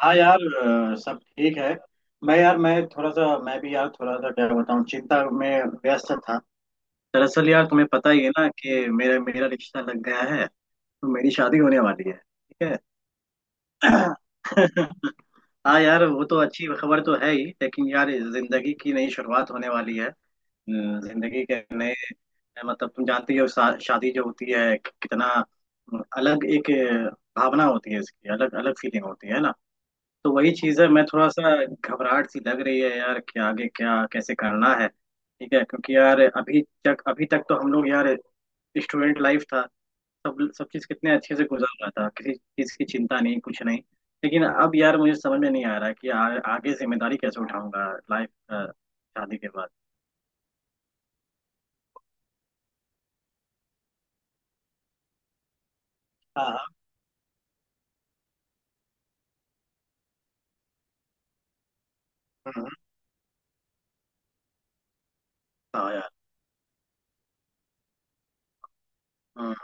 हाँ यार, सब ठीक है। मैं यार, मैं थोड़ा सा, मैं भी यार, थोड़ा सा क्या बताऊँ, चिंता में व्यस्त था। दरअसल यार, तुम्हें पता ही है ना कि मेरा मेरा रिश्ता लग गया है, तो मेरी शादी होने वाली है। ठीक है। हाँ यार, वो तो अच्छी खबर तो है ही, लेकिन यार जिंदगी की नई शुरुआत होने वाली है। जिंदगी के नए मतलब, तुम जानती हो शादी जो होती है, कितना अलग एक भावना होती है, इसकी अलग अलग फीलिंग होती है ना। तो वही चीज है, मैं थोड़ा सा, घबराहट सी लग रही है यार कि आगे क्या कैसे करना है। ठीक है, क्योंकि यार अभी तक तो हम लोग यार स्टूडेंट लाइफ था। सब सब चीज कितने अच्छे से गुजर रहा था, किसी चीज की चिंता नहीं, कुछ नहीं। लेकिन अब यार मुझे समझ में नहीं आ रहा कि आगे जिम्मेदारी कैसे उठाऊंगा, लाइफ शादी के बाद। हाँ हाँ। हम्म, हम्म। हाँ यार। हम्म।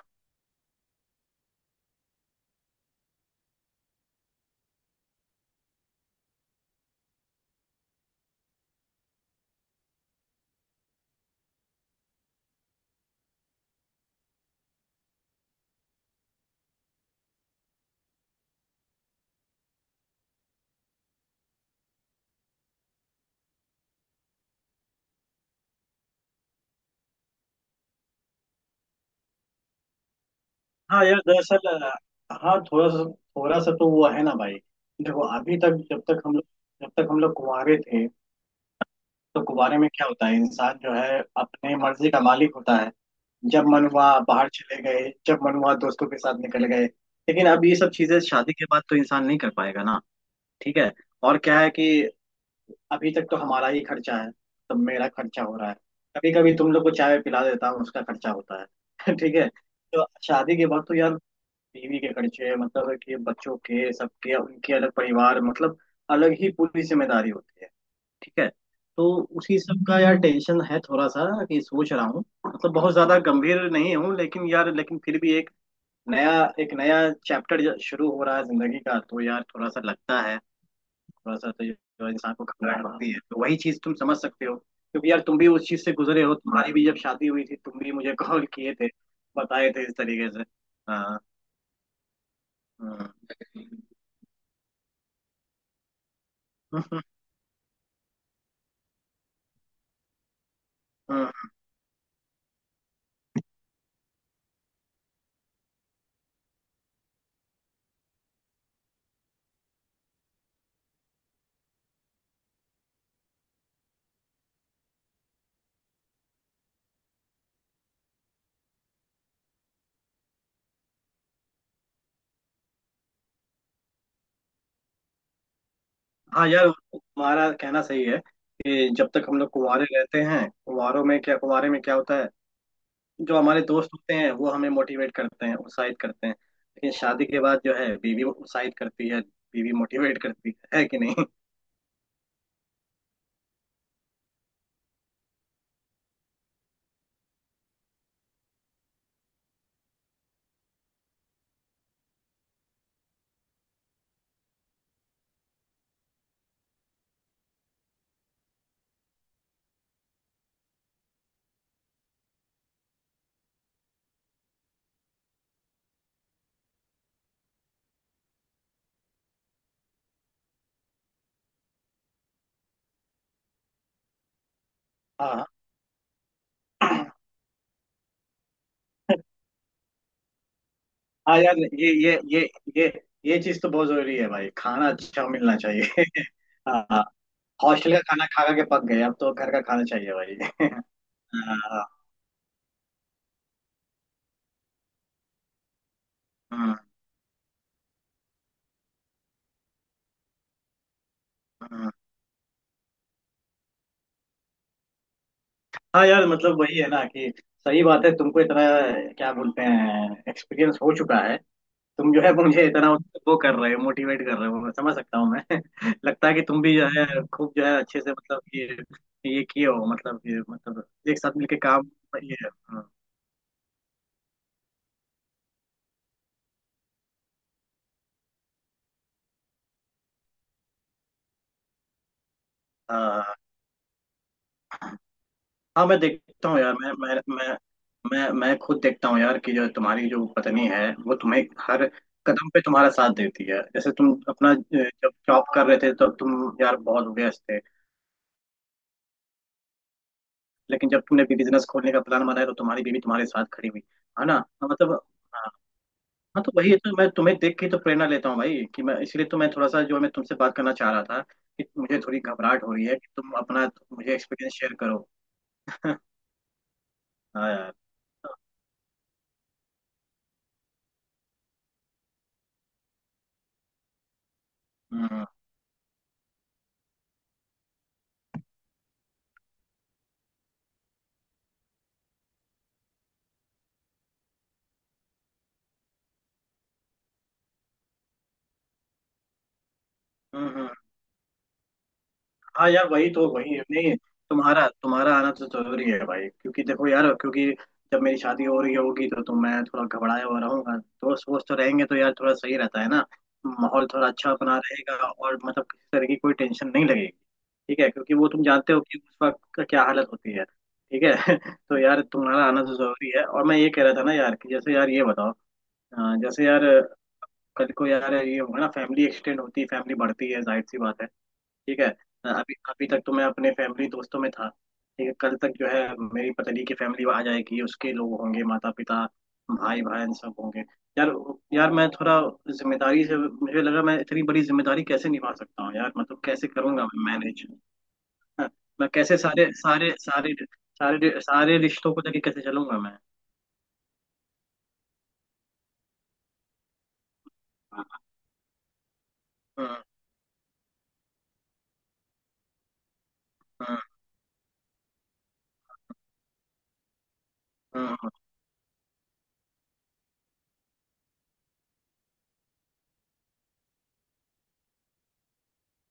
हाँ यार दरअसल हाँ, थोड़ा सा तो वो है ना भाई। देखो, अभी तक जब तक हम लोग कुंवारे थे, तो कुवारे में क्या होता है, इंसान जो है अपने मर्जी का मालिक होता है। जब मन हुआ बाहर चले गए, जब मन हुआ दोस्तों के साथ निकल गए, लेकिन अब ये सब चीजें शादी के बाद तो इंसान नहीं कर पाएगा ना। ठीक है। और क्या है कि अभी तक तो हमारा ही खर्चा है, तो मेरा खर्चा हो रहा है, कभी कभी तुम लोग को चाय पिला देता हूँ, उसका खर्चा होता है। ठीक है, तो शादी के बाद तो यार बीवी के खर्चे, मतलब कि बच्चों के, सबके, उनके अलग परिवार, मतलब अलग ही पूरी जिम्मेदारी होती है। ठीक है, तो उसी सब का यार टेंशन है थोड़ा सा, कि सोच रहा हूँ मतलब बहुत ज्यादा गंभीर नहीं हूँ, लेकिन यार, लेकिन फिर भी एक नया, एक नया चैप्टर शुरू हो रहा है जिंदगी का, तो यार थोड़ा सा लगता है, थोड़ा सा तो जो इंसान को घबराहट होती है, तो वही चीज तुम समझ सकते हो, क्योंकि यार तुम भी उस चीज से गुजरे हो, तुम्हारी भी जब शादी हुई थी, तुम भी मुझे कॉल किए थे, बताए थे इस तरीके से। हाँ। हाँ। हम्म। हाँ यार, तुम्हारा कहना सही है कि जब तक हम लोग कुंवारे रहते हैं, कुंवारों में क्या कुंवारे में क्या होता है, जो हमारे दोस्त होते हैं वो हमें मोटिवेट करते हैं, उत्साहित करते हैं, लेकिन शादी के बाद जो है बीवी उत्साहित करती है, बीवी मोटिवेट करती है कि नहीं। हाँ, हाँ यार, ये ये चीज तो बहुत जरूरी है भाई, खाना अच्छा मिलना चाहिए। हाँ। हॉस्टल का खाना खा खा के पक गए, अब तो घर का खाना चाहिए भाई। हाँ, हाँ, हाँ, हाँ यार, मतलब वही है ना कि, सही बात है, तुमको इतना, क्या बोलते हैं, एक्सपीरियंस हो चुका है। तुम जो है मुझे इतना वो कर रहे हो, मोटिवेट कर रहे हो, मैं समझ सकता हूँ। मैं लगता है कि तुम भी जो है खूब जो है अच्छे से, मतलब कि ये किए हो, मतलब ये, मतलब एक साथ मिलके काम, ये, हाँ। हाँ, हाँ, मैं देखता हूँ यार, मैं खुद देखता हूँ यार, कि जो तुम्हारी जो पत्नी है वो तुम्हें हर कदम पे तुम्हारा साथ देती है, जैसे तुम अपना जब जॉब कर रहे थे तब तुम यार बहुत व्यस्त थे, लेकिन जब तुमने भी बिजनेस खोलने का प्लान बनाया तो तुम्हारी बीवी तुम्हारे साथ खड़ी हुई, है ना। हाँ, मतलब, हाँ, हाँ, तो वही है, तो मैं तुम्हें देख के तो प्रेरणा लेता हूँ भाई, कि मैं, इसलिए तो मैं थोड़ा सा, जो मैं तुमसे बात करना चाह रहा था, कि मुझे थोड़ी घबराहट हो रही है, कि तुम अपना मुझे एक्सपीरियंस शेयर करो। हाँ यार। हम्म। हम्म। हम्म। हाँ यार वही, तो वही है, नहीं, तुम्हारा तुम्हारा आना तो जरूरी है भाई, क्योंकि देखो यार, क्योंकि जब मेरी शादी हो रही होगी तो मैं थोड़ा घबराया हुआ रहूंगा, दोस्त वोस्त तो रहेंगे तो यार थोड़ा सही रहता है ना, माहौल थोड़ा अच्छा अपना रहेगा, और मतलब किसी तरह की कोई टेंशन नहीं लगेगी। ठीक है, क्योंकि वो तुम जानते हो कि उस वक्त का क्या हालत होती है। ठीक है। तो यार तुम्हारा आना तो जरूरी है, और मैं ये कह रहा था ना यार, कि जैसे यार ये बताओ, जैसे यार कल को यार ये होगा ना, फैमिली एक्सटेंड होती है, फैमिली बढ़ती है, जाहिर सी बात है। ठीक है। अभी अभी तक तो मैं अपने फैमिली दोस्तों में था। ठीक है, कल तक जो है मेरी पतली की फैमिली आ जाएगी, उसके लोग होंगे, माता पिता, भाई बहन, सब होंगे। यार, यार मैं थोड़ा जिम्मेदारी से, मुझे लगा मैं इतनी बड़ी जिम्मेदारी कैसे निभा सकता हूँ यार, मतलब कैसे करूंगा मैं मैनेज, मैं कैसे सारे सारे सारे सारे सारे रिश्तों को लेके कैसे चलूंगा मैं। हम्म, हम्म, हम्म,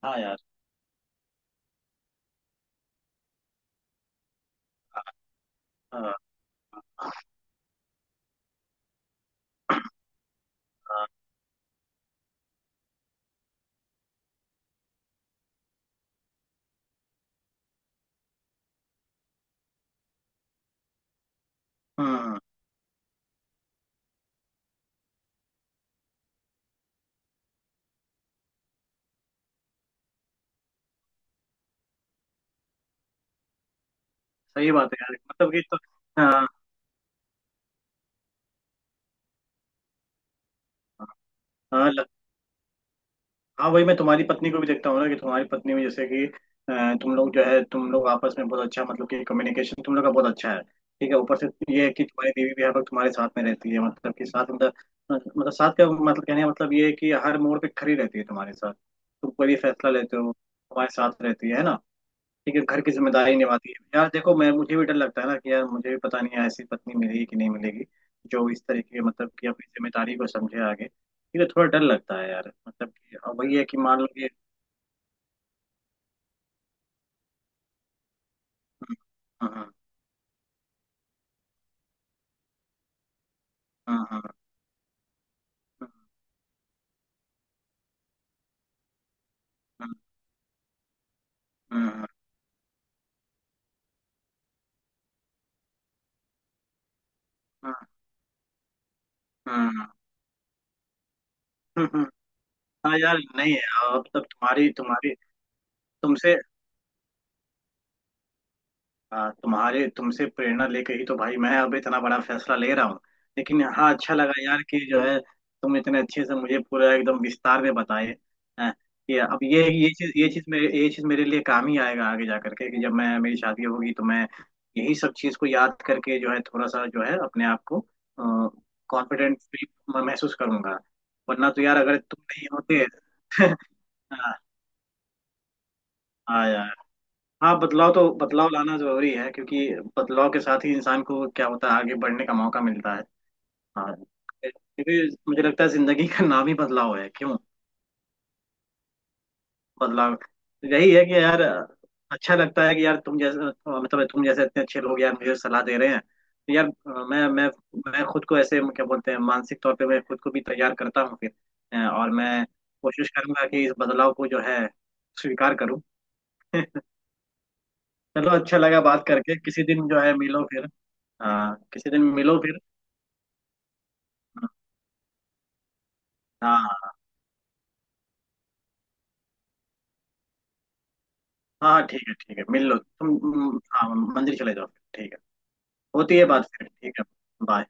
हाँ हाँ यार। हाँ हाँ। हम्म। सही बात है यार, मतलब कि तो, हाँ हाँ। हाँ, वही, मैं तुम्हारी पत्नी को भी देखता हूँ ना, कि तुम्हारी पत्नी में जैसे कि तुम लोग जो है, तुम लोग आपस में बहुत अच्छा, मतलब कि कम्युनिकेशन तुम लोग का बहुत अच्छा है। ठीक है, ऊपर से ये है कि तुम्हारी बीवी भी हर वक्त तुम्हारे साथ में रहती है, मतलब कि साथ, मतलब, मतलब साथ का मतलब, कहने का मतलब ये है कि हर मोड़ पे खड़ी रहती है तुम्हारे साथ, तुम कोई भी फैसला लेते हो तुम्हारे साथ रहती है ना। ठीक है, घर की जिम्मेदारी निभाती है यार। देखो मैं, मुझे भी डर लगता है ना कि यार मुझे भी पता नहीं है ऐसी पत्नी मिलेगी कि नहीं मिलेगी, जो इस तरीके, मतलब कि अपनी जिम्मेदारी को समझे आगे। ठीक है, थोड़ा डर लगता है यार, मतलब कि अब वही है कि मान लो कि, हाँ हाँ। हाँ हाँ हाँ हाँ। हाँ हाँ यार, नहीं है, अब तब तुम्हारी तुम्हारी तुमसे, हाँ, तुम्हारे, तुमसे प्रेरणा लेके ही तो भाई मैं अब इतना बड़ा फैसला ले रहा हूँ। लेकिन हाँ, अच्छा लगा यार कि जो है तुम इतने अच्छे से मुझे पूरा एकदम विस्तार में बताए हैं, कि अब ये चीज मेरे लिए काम ही आएगा आगे जा करके, कि जब मैं, मेरी शादी होगी तो मैं यही सब चीज को याद करके जो है, थोड़ा सा जो है, अपने आप को कॉन्फिडेंट फील महसूस करूंगा, वरना तो यार अगर तुम नहीं होते। हाँ। हाँ यार। हाँ, बदलाव तो बदलाव लाना जरूरी है, क्योंकि बदलाव के साथ ही इंसान को क्या होता है, आगे बढ़ने का मौका मिलता है। हाँ, क्योंकि मुझे लगता है जिंदगी का नाम ही बदलाव है, क्यों, बदलाव। यही है कि यार, अच्छा लगता है कि यार तुम जैसे, मतलब तुम जैसे इतने अच्छे लोग यार मुझे सलाह दे रहे हैं, तो यार मैं मैं मैं खुद को ऐसे, क्या बोलते हैं, मानसिक तौर पे मैं खुद को भी तैयार करता हूँ फिर, और मैं कोशिश करूंगा कि इस बदलाव को जो है स्वीकार करूँ। चलो, अच्छा लगा बात करके, किसी दिन जो है मिलो फिर। हाँ, किसी दिन मिलो फिर। हाँ हाँ, ठीक है, ठीक है, मिल लो तुम। हाँ, मंदिर चले जाओ फिर, ठीक है, होती है बात फिर, ठीक है। बाय।